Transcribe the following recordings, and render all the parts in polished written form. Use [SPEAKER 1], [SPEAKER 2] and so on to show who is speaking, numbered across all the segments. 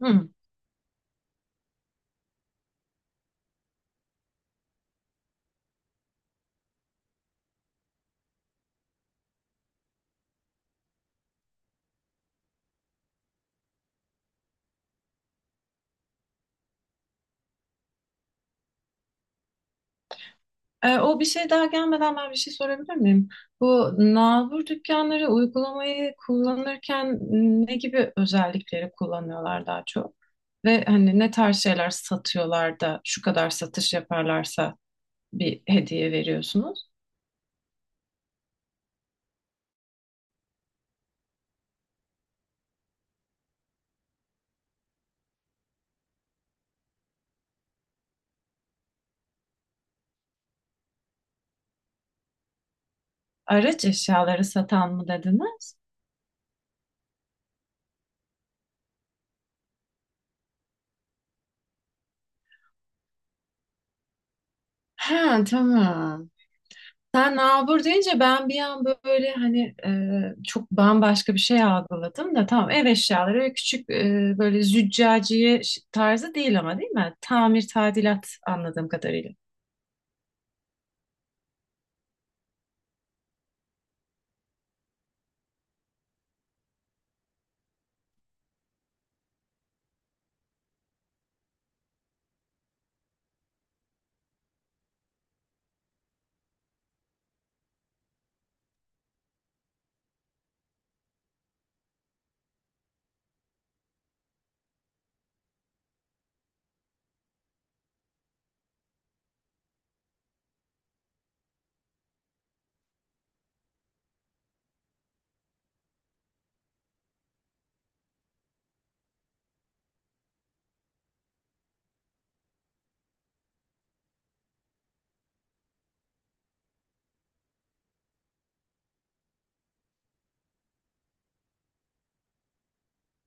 [SPEAKER 1] Hı. O bir şey daha gelmeden ben bir şey sorabilir miyim? Bu nalbur dükkanları uygulamayı kullanırken ne gibi özellikleri kullanıyorlar daha çok? Ve hani ne tarz şeyler satıyorlar da şu kadar satış yaparlarsa bir hediye veriyorsunuz? Araç eşyaları satan mı dediniz? Ha, tamam. Sen nabur deyince ben bir an böyle hani çok bambaşka bir şey algıladım da tamam, ev eşyaları ve küçük böyle züccaciye tarzı değil ama, değil mi? Tamir tadilat anladığım kadarıyla.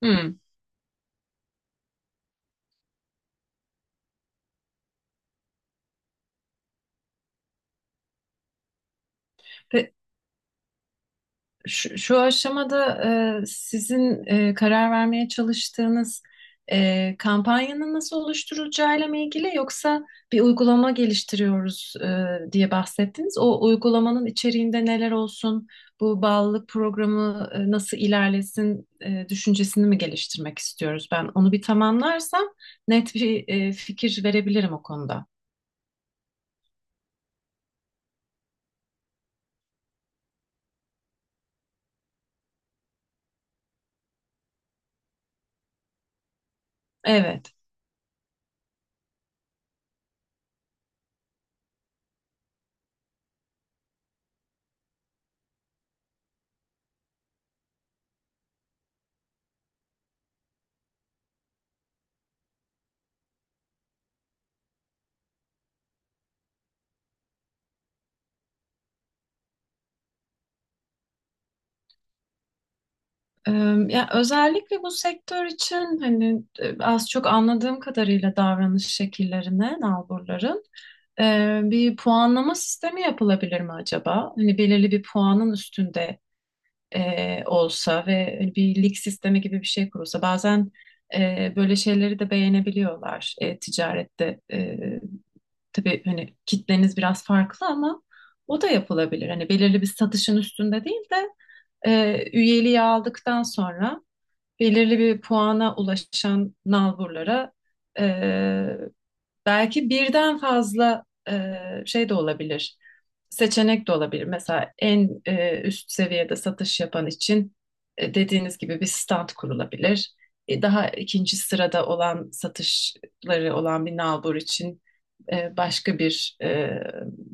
[SPEAKER 1] Hmm. Pe- şu aşamada sizin karar vermeye çalıştığınız kampanyanın nasıl oluşturulacağıyla mı ilgili, yoksa bir uygulama geliştiriyoruz diye bahsettiniz. O uygulamanın içeriğinde neler olsun, bu bağlılık programı nasıl ilerlesin düşüncesini mi geliştirmek istiyoruz? Ben onu bir tamamlarsam net bir fikir verebilirim o konuda. Evet. Ee, Ya özellikle bu sektör için hani az çok anladığım kadarıyla davranış şekillerine, nalburların bir puanlama sistemi yapılabilir mi acaba? Hani belirli bir puanın üstünde olsa ve hani bir lig sistemi gibi bir şey kurulsa. Bazen böyle şeyleri de beğenebiliyorlar ticarette. Tabii hani kitleniz biraz farklı ama o da yapılabilir. Hani belirli bir satışın üstünde değil de üyeliği aldıktan sonra belirli bir puana ulaşan nalburlara e, belki birden fazla e, şey de olabilir, seçenek de olabilir. Mesela en üst seviyede satış yapan için dediğiniz gibi bir stand kurulabilir. Daha ikinci sırada olan, satışları olan bir nalbur için başka bir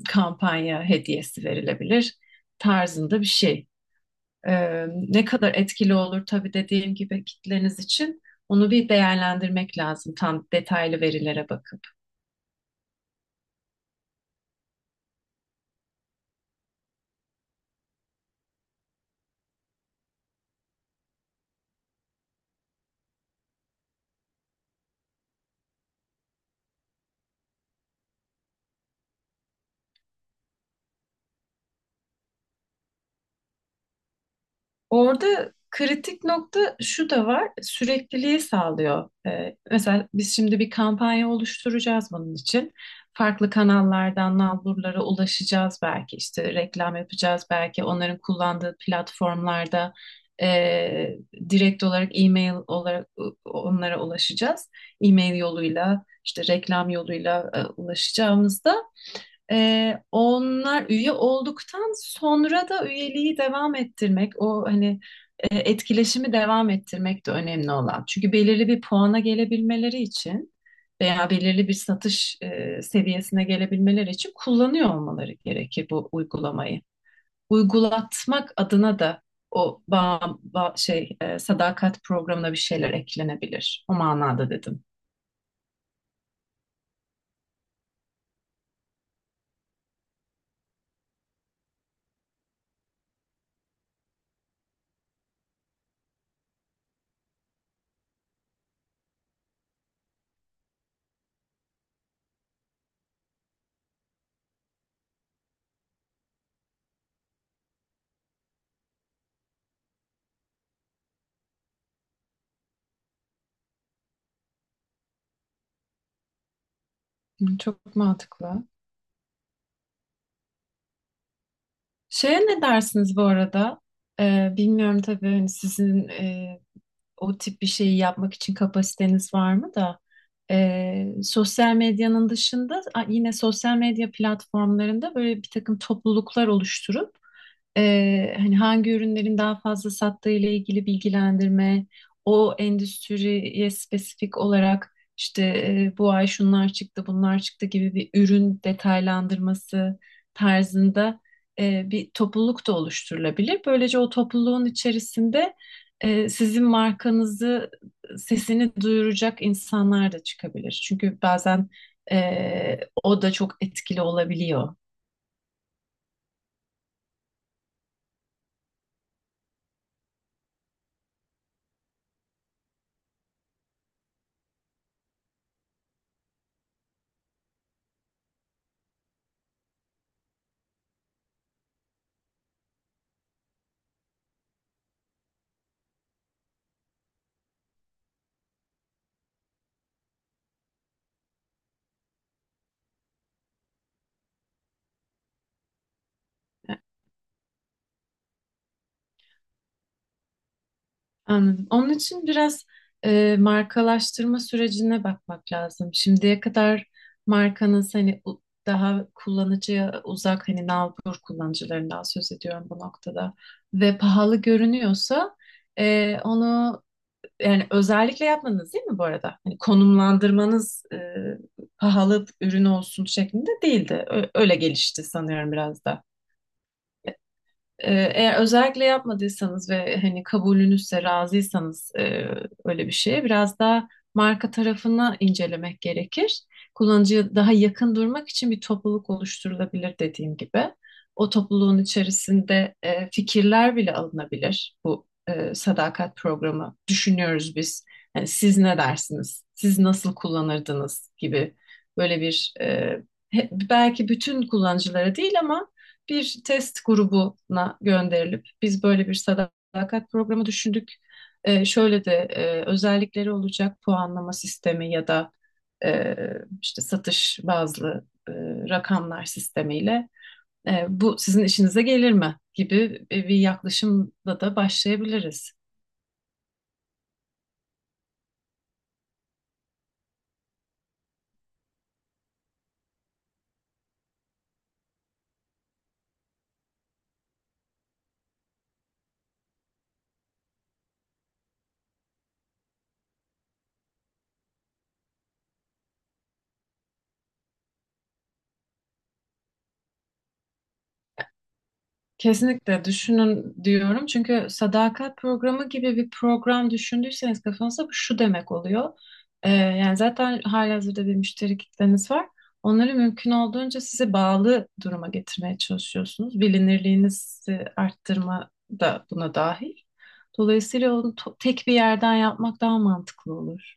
[SPEAKER 1] kampanya hediyesi verilebilir tarzında bir şey. Ne kadar etkili olur tabii, dediğim gibi kitleniz için onu bir değerlendirmek lazım tam detaylı verilere bakıp. Orada kritik nokta şu da var, sürekliliği sağlıyor. Mesela biz şimdi bir kampanya oluşturacağız bunun için. Farklı kanallardan nalburlara ulaşacağız, belki işte reklam yapacağız, belki onların kullandığı platformlarda e, direkt olarak e-mail olarak onlara ulaşacağız. E-mail yoluyla, işte reklam yoluyla ulaşacağımızda onlar üye olduktan sonra da üyeliği devam ettirmek, o hani etkileşimi devam ettirmek de önemli olan. Çünkü belirli bir puana gelebilmeleri için veya belirli bir satış seviyesine gelebilmeleri için kullanıyor olmaları gerekir bu uygulamayı. Uygulatmak adına da o şey sadakat programına bir şeyler eklenebilir. O manada dedim. Hı, çok mantıklı. Şeye ne dersiniz bu arada? Bilmiyorum tabii, hani sizin o tip bir şeyi yapmak için kapasiteniz var mı da sosyal medyanın dışında, yine sosyal medya platformlarında böyle bir takım topluluklar oluşturup hani hangi ürünlerin daha fazla sattığı ile ilgili bilgilendirme, o endüstriye spesifik olarak işte bu ay şunlar çıktı, bunlar çıktı gibi bir ürün detaylandırması tarzında bir topluluk da oluşturulabilir. Böylece o topluluğun içerisinde sizin markanızı, sesini duyuracak insanlar da çıkabilir. Çünkü bazen o da çok etkili olabiliyor. E, Anladım. Onun için biraz markalaştırma sürecine bakmak lazım. Şimdiye kadar markanız, hani daha kullanıcıya uzak, hani nalbur kullanıcılarından söz ediyorum bu noktada, ve pahalı görünüyorsa onu yani, özellikle yapmanız değil mi bu arada? Hani konumlandırmanız pahalı ürün olsun şeklinde değildi. Öyle gelişti sanıyorum biraz da. Eğer özellikle yapmadıysanız ve hani kabulünüzse, razıysanız öyle bir şeye biraz daha marka tarafını incelemek gerekir. Kullanıcıya daha yakın durmak için bir topluluk oluşturulabilir, dediğim gibi. O topluluğun içerisinde fikirler bile alınabilir. Bu sadakat programı düşünüyoruz biz. Yani siz ne dersiniz? Siz nasıl kullanırdınız gibi böyle bir belki bütün kullanıcılara değil ama bir test grubuna gönderilip, biz böyle bir sadakat programı düşündük. Şöyle de özellikleri olacak, puanlama sistemi ya da e, işte satış bazlı rakamlar sistemiyle bu sizin işinize gelir mi gibi bir yaklaşımla da başlayabiliriz. Kesinlikle düşünün diyorum. Çünkü sadakat programı gibi bir program düşündüyseniz kafanızda, bu şu demek oluyor. Yani zaten halihazırda bir müşteri kitleniz var. Onları mümkün olduğunca size bağlı duruma getirmeye çalışıyorsunuz. Bilinirliğinizi arttırma da buna dahil. Dolayısıyla onu tek bir yerden yapmak daha mantıklı olur.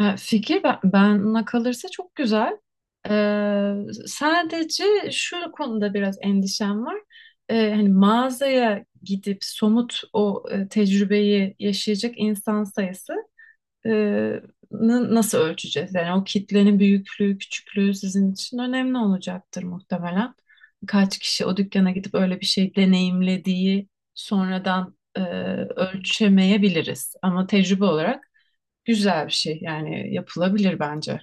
[SPEAKER 1] Fikir, bana kalırsa çok güzel. E, Sadece şu konuda biraz endişem var. Hani mağazaya gidip somut o tecrübeyi yaşayacak insan sayısı e, nasıl ölçeceğiz? Yani o kitlenin büyüklüğü, küçüklüğü sizin için önemli olacaktır muhtemelen. Kaç kişi o dükkana gidip öyle bir şey deneyimlediği sonradan ölçemeyebiliriz. Ama tecrübe olarak güzel bir şey, yani yapılabilir bence.